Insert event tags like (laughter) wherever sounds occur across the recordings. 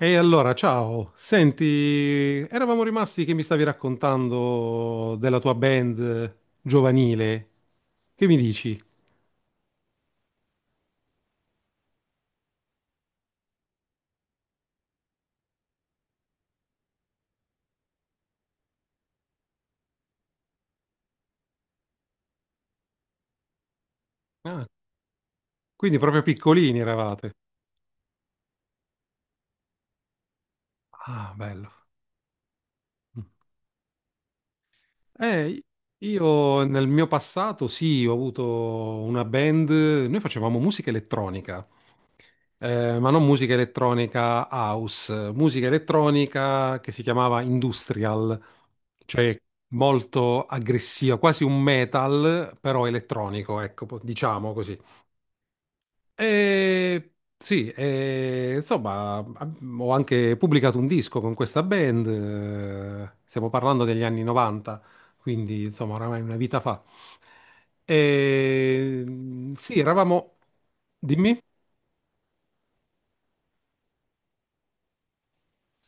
E allora, ciao. Senti, eravamo rimasti che mi stavi raccontando della tua band giovanile. Che mi dici? Ah, quindi proprio piccolini eravate. Ah, bello. Eh, io nel mio passato sì, ho avuto una band, noi facevamo musica elettronica, ma non musica elettronica house, musica elettronica che si chiamava industrial, cioè molto aggressiva, quasi un metal, però elettronico, ecco, diciamo così. E sì, e, insomma, ho anche pubblicato un disco con questa band, stiamo parlando degli anni 90, quindi insomma, oramai una vita fa. E, sì, eravamo... Dimmi.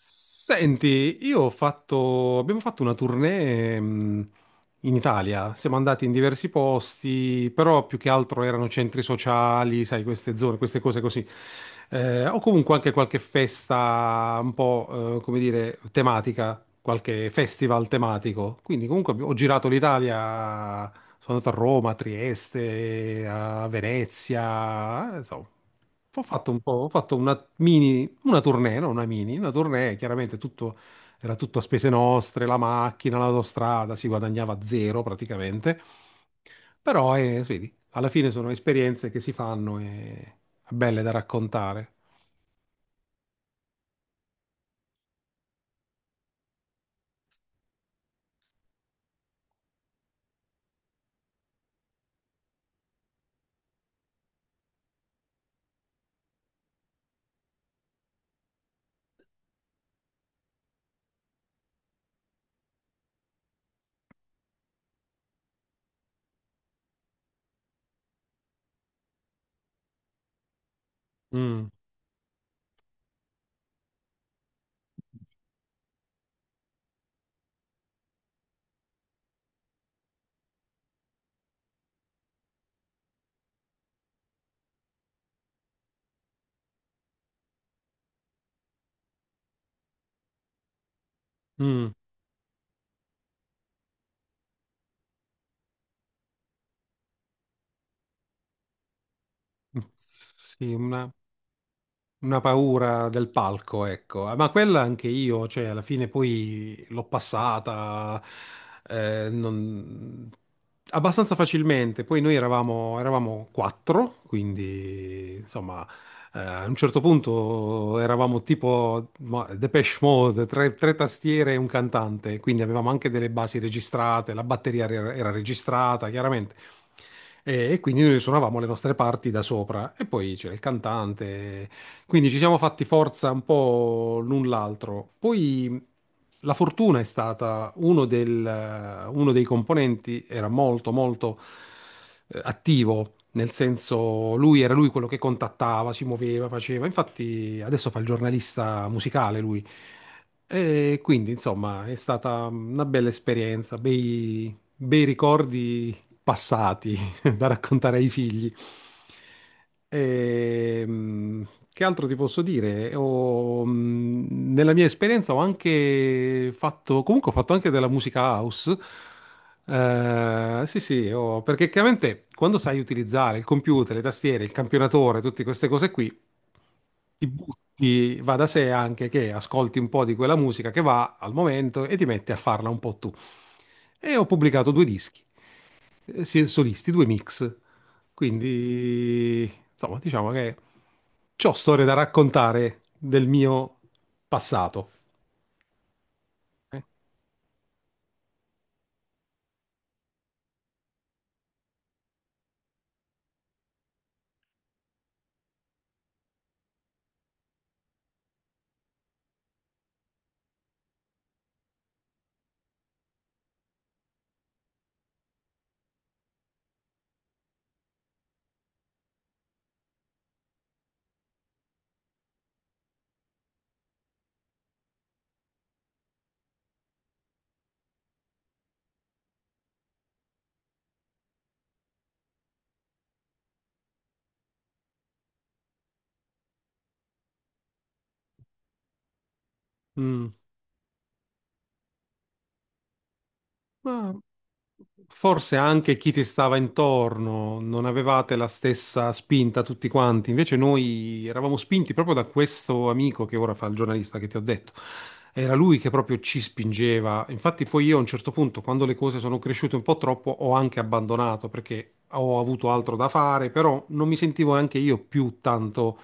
Senti, abbiamo fatto una tournée, in Italia, siamo andati in diversi posti, però più che altro erano centri sociali, sai, queste zone, queste cose così. O comunque anche qualche festa un po', come dire, tematica, qualche festival tematico. Quindi comunque ho girato l'Italia, sono andato a Roma, a Trieste, a Venezia, insomma, ho fatto una mini, una tournée, no, una mini, una tournée, chiaramente tutto, era tutto a spese nostre, la macchina, l'autostrada, si guadagnava zero praticamente, però vedi, alla fine sono esperienze che si fanno e belle da raccontare. Mm, mm, sì, una... Una paura del palco, ecco. Ah, ma quella anche io, cioè, alla fine poi l'ho passata eh, non- abbastanza facilmente. Poi noi eravamo quattro, quindi insomma, a un certo punto eravamo tipo ma, Depeche Mode, tre tastiere e un cantante, quindi avevamo anche delle basi registrate, la batteria era registrata, chiaramente. E quindi noi suonavamo le nostre parti da sopra e poi c'era il cantante. Quindi ci siamo fatti forza un po' l'un l'altro. Poi la fortuna è stata uno dei componenti, era molto attivo, nel senso lui quello che contattava, si muoveva, faceva. Infatti adesso fa il giornalista musicale lui. E quindi insomma è stata una bella esperienza, bei ricordi passati da raccontare ai figli. Ehm, che altro ti posso dire? Nella mia esperienza ho anche fatto, comunque ho fatto anche della musica house. Sì, sì, perché chiaramente quando sai utilizzare il computer, le tastiere, il campionatore, tutte queste cose qui, ti butti, va da sé anche che ascolti un po' di quella musica che va al momento e ti metti a farla un po' tu. E ho pubblicato due dischi sì, solisti, due mix. Quindi, insomma, diciamo che ho storie da raccontare del mio passato. Eh, Mm. Ma forse anche chi ti stava intorno, non avevate la stessa spinta tutti quanti. Invece noi eravamo spinti proprio da questo amico che ora fa il giornalista che ti ho detto. Era lui che proprio ci spingeva. Infatti poi io a un certo punto, quando le cose sono cresciute un po' troppo, ho anche abbandonato perché ho avuto altro da fare, però non mi sentivo neanche io più tanto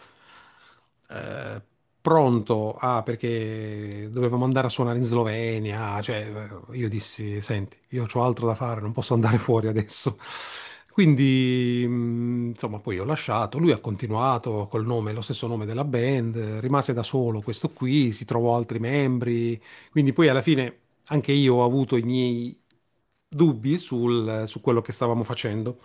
eh, pronto a, perché dovevamo andare a suonare in Slovenia, cioè io dissi, senti, io ho altro da fare, non posso andare (laughs) fuori adesso. Quindi, insomma, poi ho lasciato, lui ha continuato col nome, lo stesso nome della band, rimase da solo questo qui, si trovò altri membri, quindi poi alla fine anche io ho avuto i miei dubbi su quello che stavamo facendo.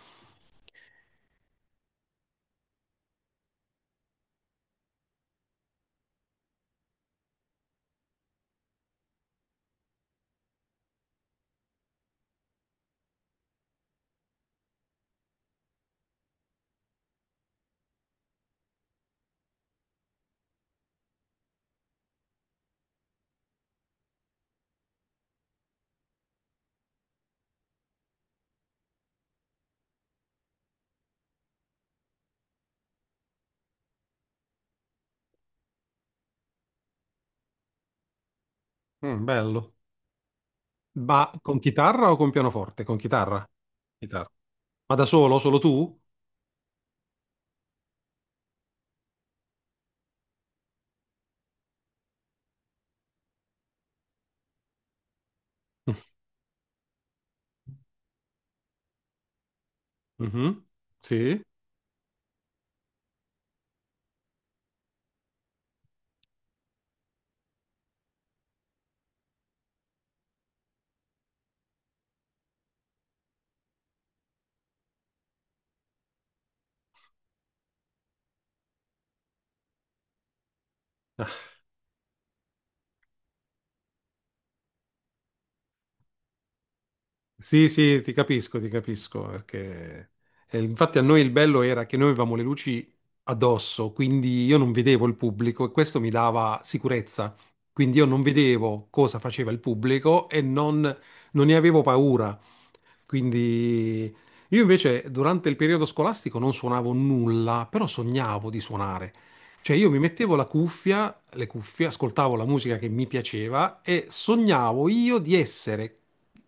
Mm, bello. Ma con chitarra o con pianoforte? Con chitarra. Chitarra. Ma da solo? Solo tu? (laughs) Mhm, sì, sì, sì, ti capisco, perché infatti a noi il bello era che noi avevamo le luci addosso, quindi io non vedevo il pubblico e questo mi dava sicurezza. Quindi io non vedevo cosa faceva il pubblico non ne avevo paura. Quindi io invece durante il periodo scolastico non suonavo nulla, però sognavo di suonare. Cioè io mi mettevo le cuffie, ascoltavo la musica che mi piaceva e sognavo io di essere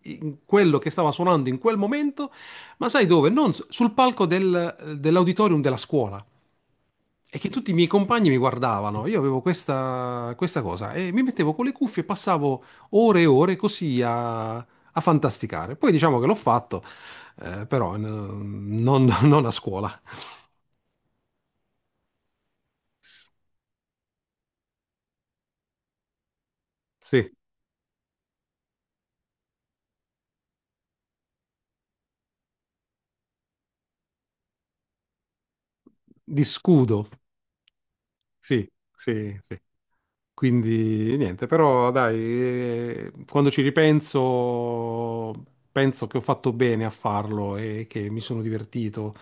in quello che stava suonando in quel momento, ma sai dove? Non s- sul palco dell'auditorium della scuola. E che tutti i miei compagni mi guardavano, io avevo questa cosa e mi mettevo con le cuffie e passavo ore e ore così a fantasticare. Poi diciamo che l'ho fatto, però non a scuola. Sì, di scudo. Sì, sì, sì. Quindi niente, però dai, quando ci ripenso, penso che ho fatto bene a farlo e che mi sono divertito.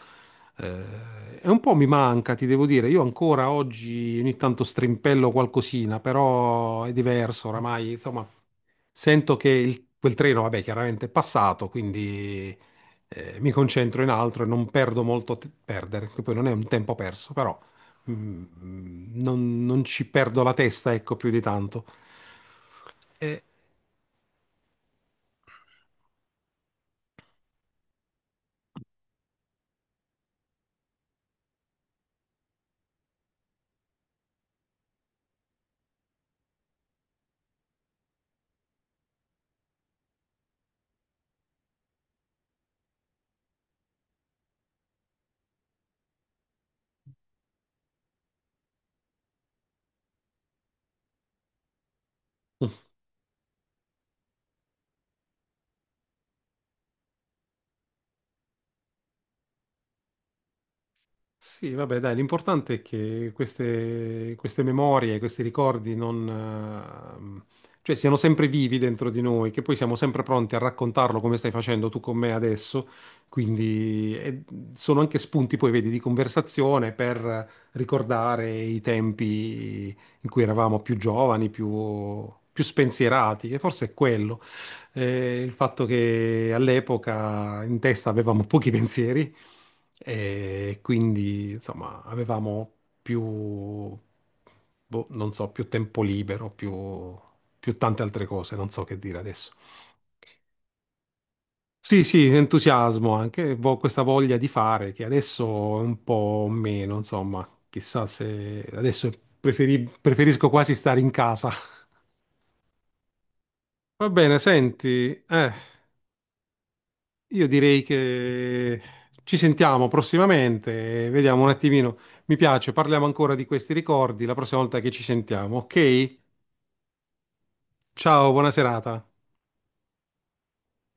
E un po' mi manca, ti devo dire. Io ancora oggi ogni tanto strimpello qualcosina, però è diverso oramai. Insomma, sento che quel treno, vabbè, chiaramente è passato, quindi mi concentro in altro e non perdo molto che poi non è un tempo perso, però non ci perdo la testa, ecco, più di tanto. E- Sì, vabbè, dai, l'importante è che queste memorie, questi ricordi non, cioè siano sempre vivi dentro di noi, che poi siamo sempre pronti a raccontarlo come stai facendo tu con me adesso, quindi sono anche spunti, poi vedi, di conversazione per ricordare i tempi in cui eravamo più giovani, più spensierati, e forse è quello. Il fatto che all'epoca in testa avevamo pochi pensieri e quindi insomma avevamo più, boh, non so, più tempo libero, più, più tante altre cose, non so che dire adesso. Sì, sì, entusiasmo anche, questa voglia di fare che adesso è un po' meno, insomma, chissà se adesso preferisco quasi stare in casa. Va bene, senti, eh. Io direi che ci sentiamo prossimamente, e vediamo un attimino. Mi piace, parliamo ancora di questi ricordi la prossima volta che ci sentiamo, ok? Ciao, buona serata.